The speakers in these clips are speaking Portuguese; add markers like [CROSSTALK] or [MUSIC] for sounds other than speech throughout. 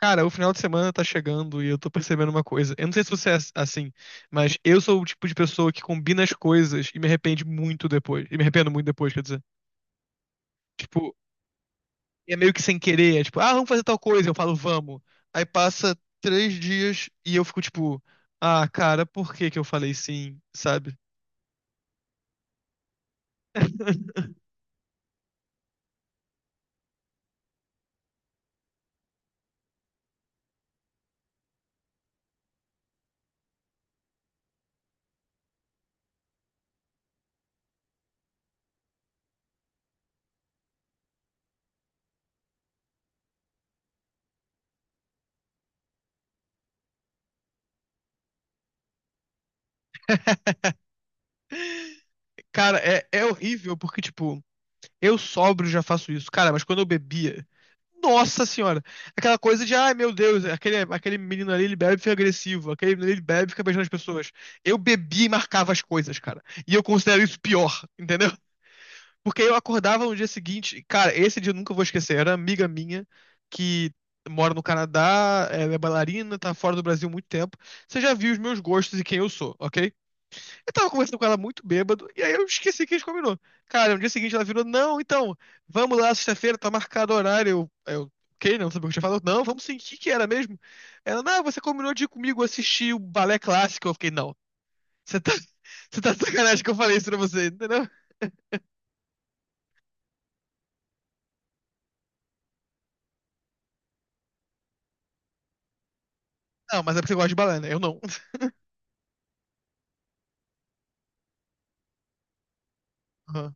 Cara, o final de semana tá chegando e eu tô percebendo uma coisa. Eu não sei se você é assim, mas eu sou o tipo de pessoa que combina as coisas e me arrepende muito depois. E me arrependo muito depois, quer dizer. Tipo, é meio que sem querer. É tipo, ah, vamos fazer tal coisa. Eu falo, vamos. Aí passa três dias e eu fico tipo, ah, cara, por que que eu falei sim, sabe? [LAUGHS] Cara, é horrível porque, tipo, eu sóbrio já faço isso. Cara, mas quando eu bebia. Nossa senhora! Aquela coisa de, ai meu Deus, aquele menino ali ele bebe e fica agressivo, aquele menino ele bebe e fica beijando as pessoas. Eu bebia e marcava as coisas, cara. E eu considero isso pior, entendeu? Porque eu acordava no dia seguinte, cara, esse dia eu nunca vou esquecer. Era uma amiga minha que mora no Canadá, ela é bailarina, tá fora do Brasil há muito tempo. Você já viu os meus gostos e quem eu sou, ok? Eu tava conversando com ela muito bêbado, e aí eu esqueci que a gente combinou. Cara, no dia seguinte ela virou, não, então, vamos lá, sexta-feira, tá marcado o horário. Ok, não sabia o que eu tinha falado. Não, vamos sim, o que que era mesmo? Ela, não, você combinou de ir comigo assistir o balé clássico. Eu fiquei, não, você tá, [LAUGHS] você tá de sacanagem que eu falei isso pra você, entendeu? Não, mas é porque você gosta de balé, né? Eu não. [LAUGHS] Aham,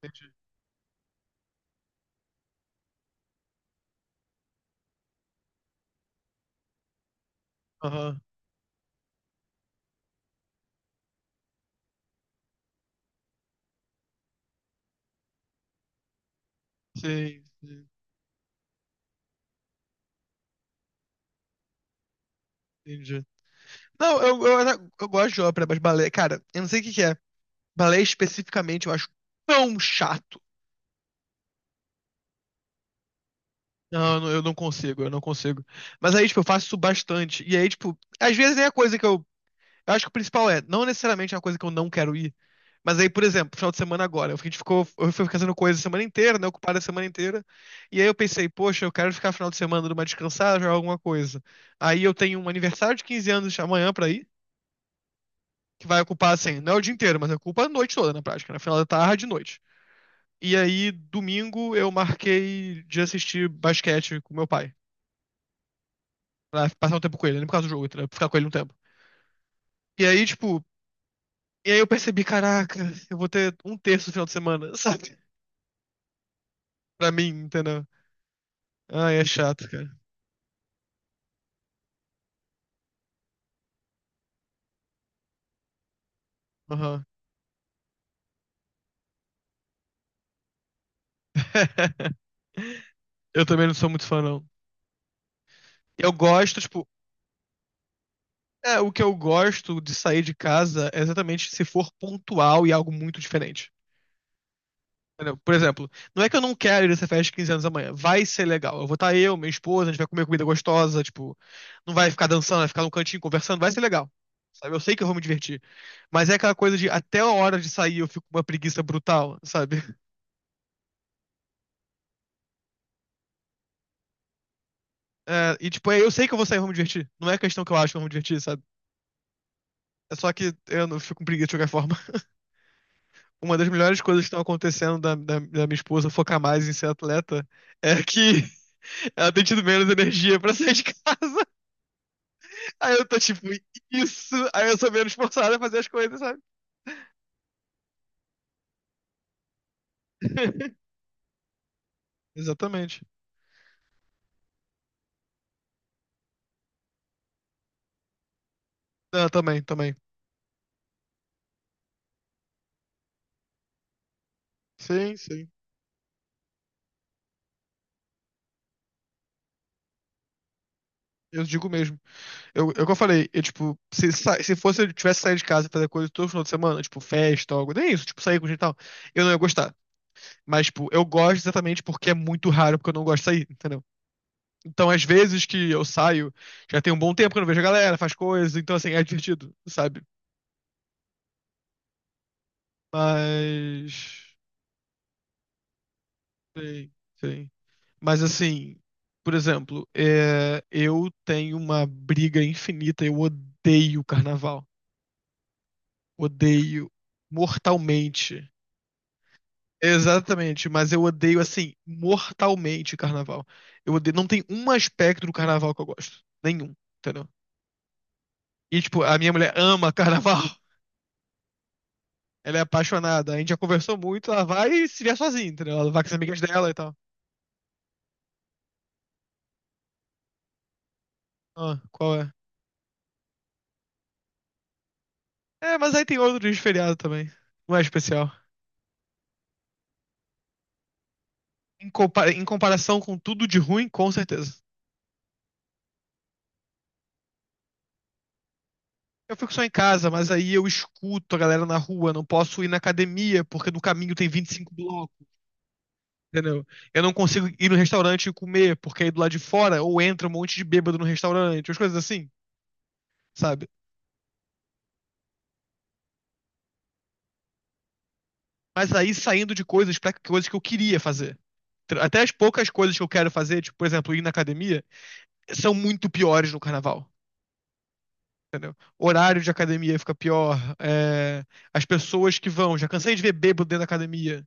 entendi. Aham, sim, sim, entendi. Não, eu gosto de ópera, mas balé, cara, eu não sei o que que é. Balé especificamente eu acho tão chato. Não, eu não consigo, eu não consigo. Mas aí, tipo, eu faço isso bastante. E aí, tipo, às vezes é a coisa que eu. Eu acho que o principal é, não necessariamente é uma coisa que eu não quero ir. Mas aí, por exemplo, final de semana agora, a gente ficou, eu fui fazendo coisa a semana inteira, né? Ocupada a semana inteira. E aí eu pensei, poxa, eu quero ficar final de semana numa descansada, jogar alguma coisa. Aí eu tenho um aniversário de 15 anos amanhã pra ir, que vai ocupar, assim, não é o dia inteiro, mas ocupa a noite toda, na prática, na final da tarde e noite. E aí, domingo, eu marquei de assistir basquete com meu pai. Pra passar um tempo com ele, nem por causa do jogo, entendeu? Pra ficar com ele um tempo. E aí, tipo, e aí eu percebi, caraca, eu vou ter um terço no final de semana, [LAUGHS] sabe? Pra mim, entendeu? Ai, é chato, cara. Aham. [LAUGHS] Eu também não sou muito fã, não. Eu gosto, tipo, é, o que eu gosto de sair de casa é exatamente se for pontual e algo muito diferente. Entendeu? Por exemplo, não é que eu não quero ir nessa festa de 15 anos amanhã. Vai ser legal. Eu vou estar eu, minha esposa, a gente vai comer comida gostosa, tipo, não vai ficar dançando, vai ficar num cantinho conversando, vai ser legal. Sabe? Eu sei que eu vou me divertir. Mas é aquela coisa de até a hora de sair eu fico com uma preguiça brutal, sabe? [LAUGHS] É, e tipo, é, eu sei que eu vou sair e vou me divertir. Não é questão que eu acho que eu vou me divertir, sabe? É só que eu não fico com preguiça de qualquer forma. [LAUGHS] Uma das melhores coisas que estão acontecendo da minha esposa focar mais em ser atleta é que [LAUGHS] ela tem tido menos energia pra sair de casa. Aí eu tô tipo, isso. Aí eu sou menos forçado a fazer as coisas, sabe? [LAUGHS] Exatamente. Ah, também, também. Sim, sim. Eu digo mesmo. Eu que eu falei, eu, tipo, se, se fosse eu tivesse saído de casa e fazer coisa todo final de semana, tipo, festa, algo, nem isso, tipo, sair com gente e tal, eu não ia gostar. Mas, tipo, eu gosto exatamente porque é muito raro, porque eu não gosto de sair, entendeu? Então, às vezes que eu saio, já tem um bom tempo que eu não vejo a galera, faz coisas então, assim, é divertido, sabe? Mas. Sim, sim. Mas assim, por exemplo, é, eu tenho uma briga infinita, eu odeio carnaval. Odeio mortalmente. Exatamente, mas eu odeio assim, mortalmente carnaval. Eu odeio, não tem um aspecto do carnaval que eu gosto, nenhum, entendeu? E tipo, a minha mulher ama [LAUGHS] carnaval. Ela é apaixonada. A gente já conversou muito, ela vai se vier sozinha, entendeu? Ela vai com as amigas dela e tal. Ah, qual é? É, mas aí tem outro dia de feriado também. Não é especial. Em comparação com tudo de ruim, com certeza. Eu fico só em casa, mas aí eu escuto a galera na rua, não posso ir na academia, porque no caminho tem 25 blocos, entendeu? Eu não consigo ir no restaurante e comer, porque aí do lado de fora ou entra um monte de bêbado no restaurante, as coisas assim, sabe? Mas aí saindo de coisas pra coisas que eu queria fazer. Até as poucas coisas que eu quero fazer, tipo, por exemplo, ir na academia, são muito piores no carnaval. Entendeu? Horário de academia fica pior. É, as pessoas que vão, já cansei de ver bêbado dentro da academia.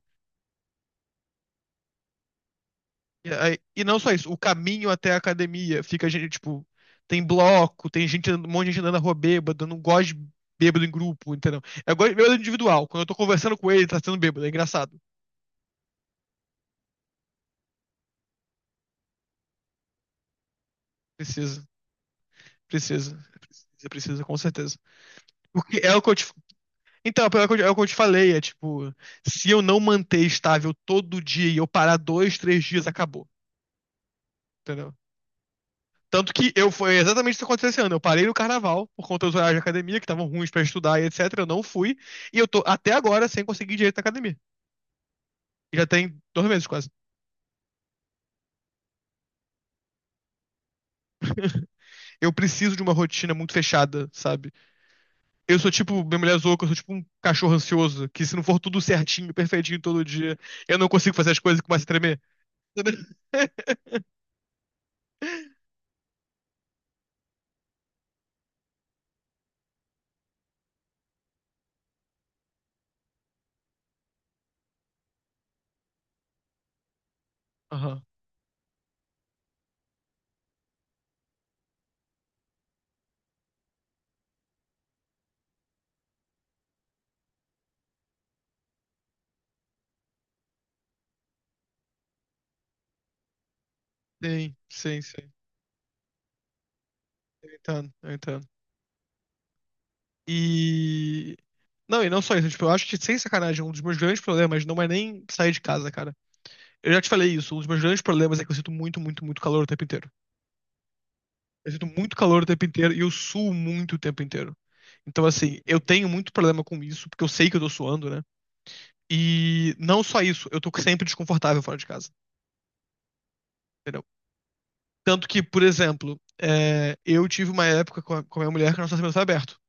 E, e não só isso, o caminho até a academia fica, gente, tipo, tem bloco, tem gente, um monte de gente andando na rua bêbado, eu não gosto de bêbado em grupo, entendeu? Eu gosto de bêbado individual. Quando eu tô conversando com ele, ele tá sendo bêbado, é engraçado. Precisa, precisa, com certeza. Porque é o que eu te... Então, é o que eu te falei, é tipo, se eu não manter estável todo dia e eu parar dois, três dias, acabou. Entendeu? Tanto que eu foi exatamente isso que aconteceu esse ano. Eu parei no carnaval por conta dos horários de academia, que estavam ruins pra estudar e etc. Eu não fui. E eu tô até agora sem conseguir direito na academia. E já tem 2 meses quase. Eu preciso de uma rotina muito fechada, sabe? Eu sou tipo, minha mulher zoou que eu sou tipo um cachorro ansioso, que se não for tudo certinho, perfeitinho todo dia, eu não consigo fazer as coisas e começo a tremer. [LAUGHS] Aham. Sim, sim, sim. Eu entendo, eu entendo. E. Não, e não só isso. Tipo, eu acho que, sem sacanagem, um dos meus grandes problemas não é nem sair de casa, cara. Eu já te falei isso, um dos meus grandes problemas é que eu sinto muito, muito, muito calor o tempo inteiro. Eu sinto muito calor o tempo inteiro e eu suo muito o tempo inteiro. Então, assim, eu tenho muito problema com isso, porque eu sei que eu tô suando, né? E não só isso, eu tô sempre desconfortável fora de casa, entendeu? Tanto que, por exemplo, é, eu tive uma época com a, minha mulher que nosso relacionamento foi aberto.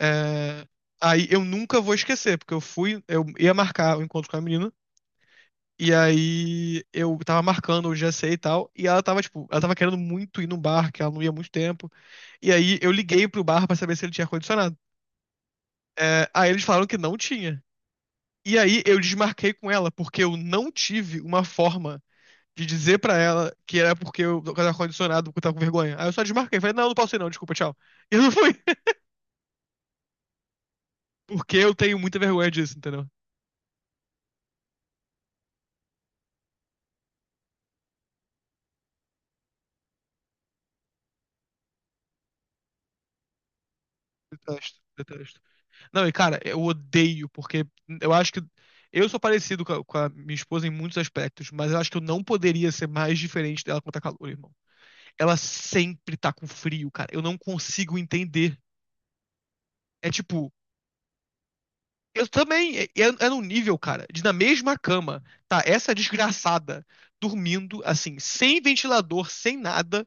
É, aí eu nunca vou esquecer, porque eu fui, eu ia marcar o encontro com a menina. E aí eu tava marcando o GC e tal, e ela tava, tipo, ela tava querendo muito ir num bar, que ela não ia há muito tempo. E aí eu liguei pro bar pra saber se ele tinha ar-condicionado. É, aí eles falaram que não tinha. E aí eu desmarquei com ela, porque eu não tive uma forma de dizer pra ela que era porque eu tava ar-condicionado, porque eu tava com vergonha. Aí eu só desmarquei, falei, não, não posso ir não, desculpa, tchau. E eu não fui, [LAUGHS] porque eu tenho muita vergonha disso, entendeu? Detesto, detesto. Não, e cara, eu odeio, porque eu acho que. Eu sou parecido com a, minha esposa em muitos aspectos, mas eu acho que eu não poderia ser mais diferente dela quando tá calor, irmão. Ela sempre tá com frio, cara. Eu não consigo entender. É tipo, eu também. É num nível, cara, de na mesma cama, tá? Essa desgraçada dormindo, assim, sem ventilador, sem nada.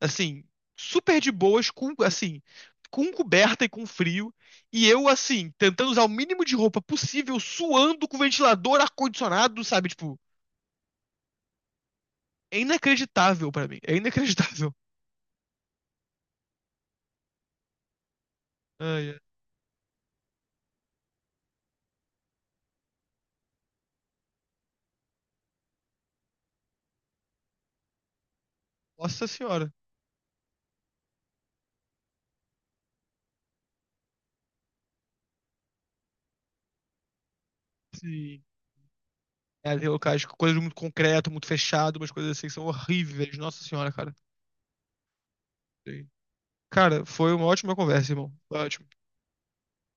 Assim, super de boas, com, assim, com coberta e com frio, e eu, assim, tentando usar o mínimo de roupa possível, suando com ventilador, ar-condicionado, sabe? Tipo, é inacreditável pra mim, é inacreditável. [LAUGHS] Ai, ai. Nossa senhora. Sim. É, tem locais com coisas muito concreto, muito fechado, umas coisas assim que são horríveis. Nossa senhora, cara. Sim. Cara, foi uma ótima conversa, irmão. Foi ótimo.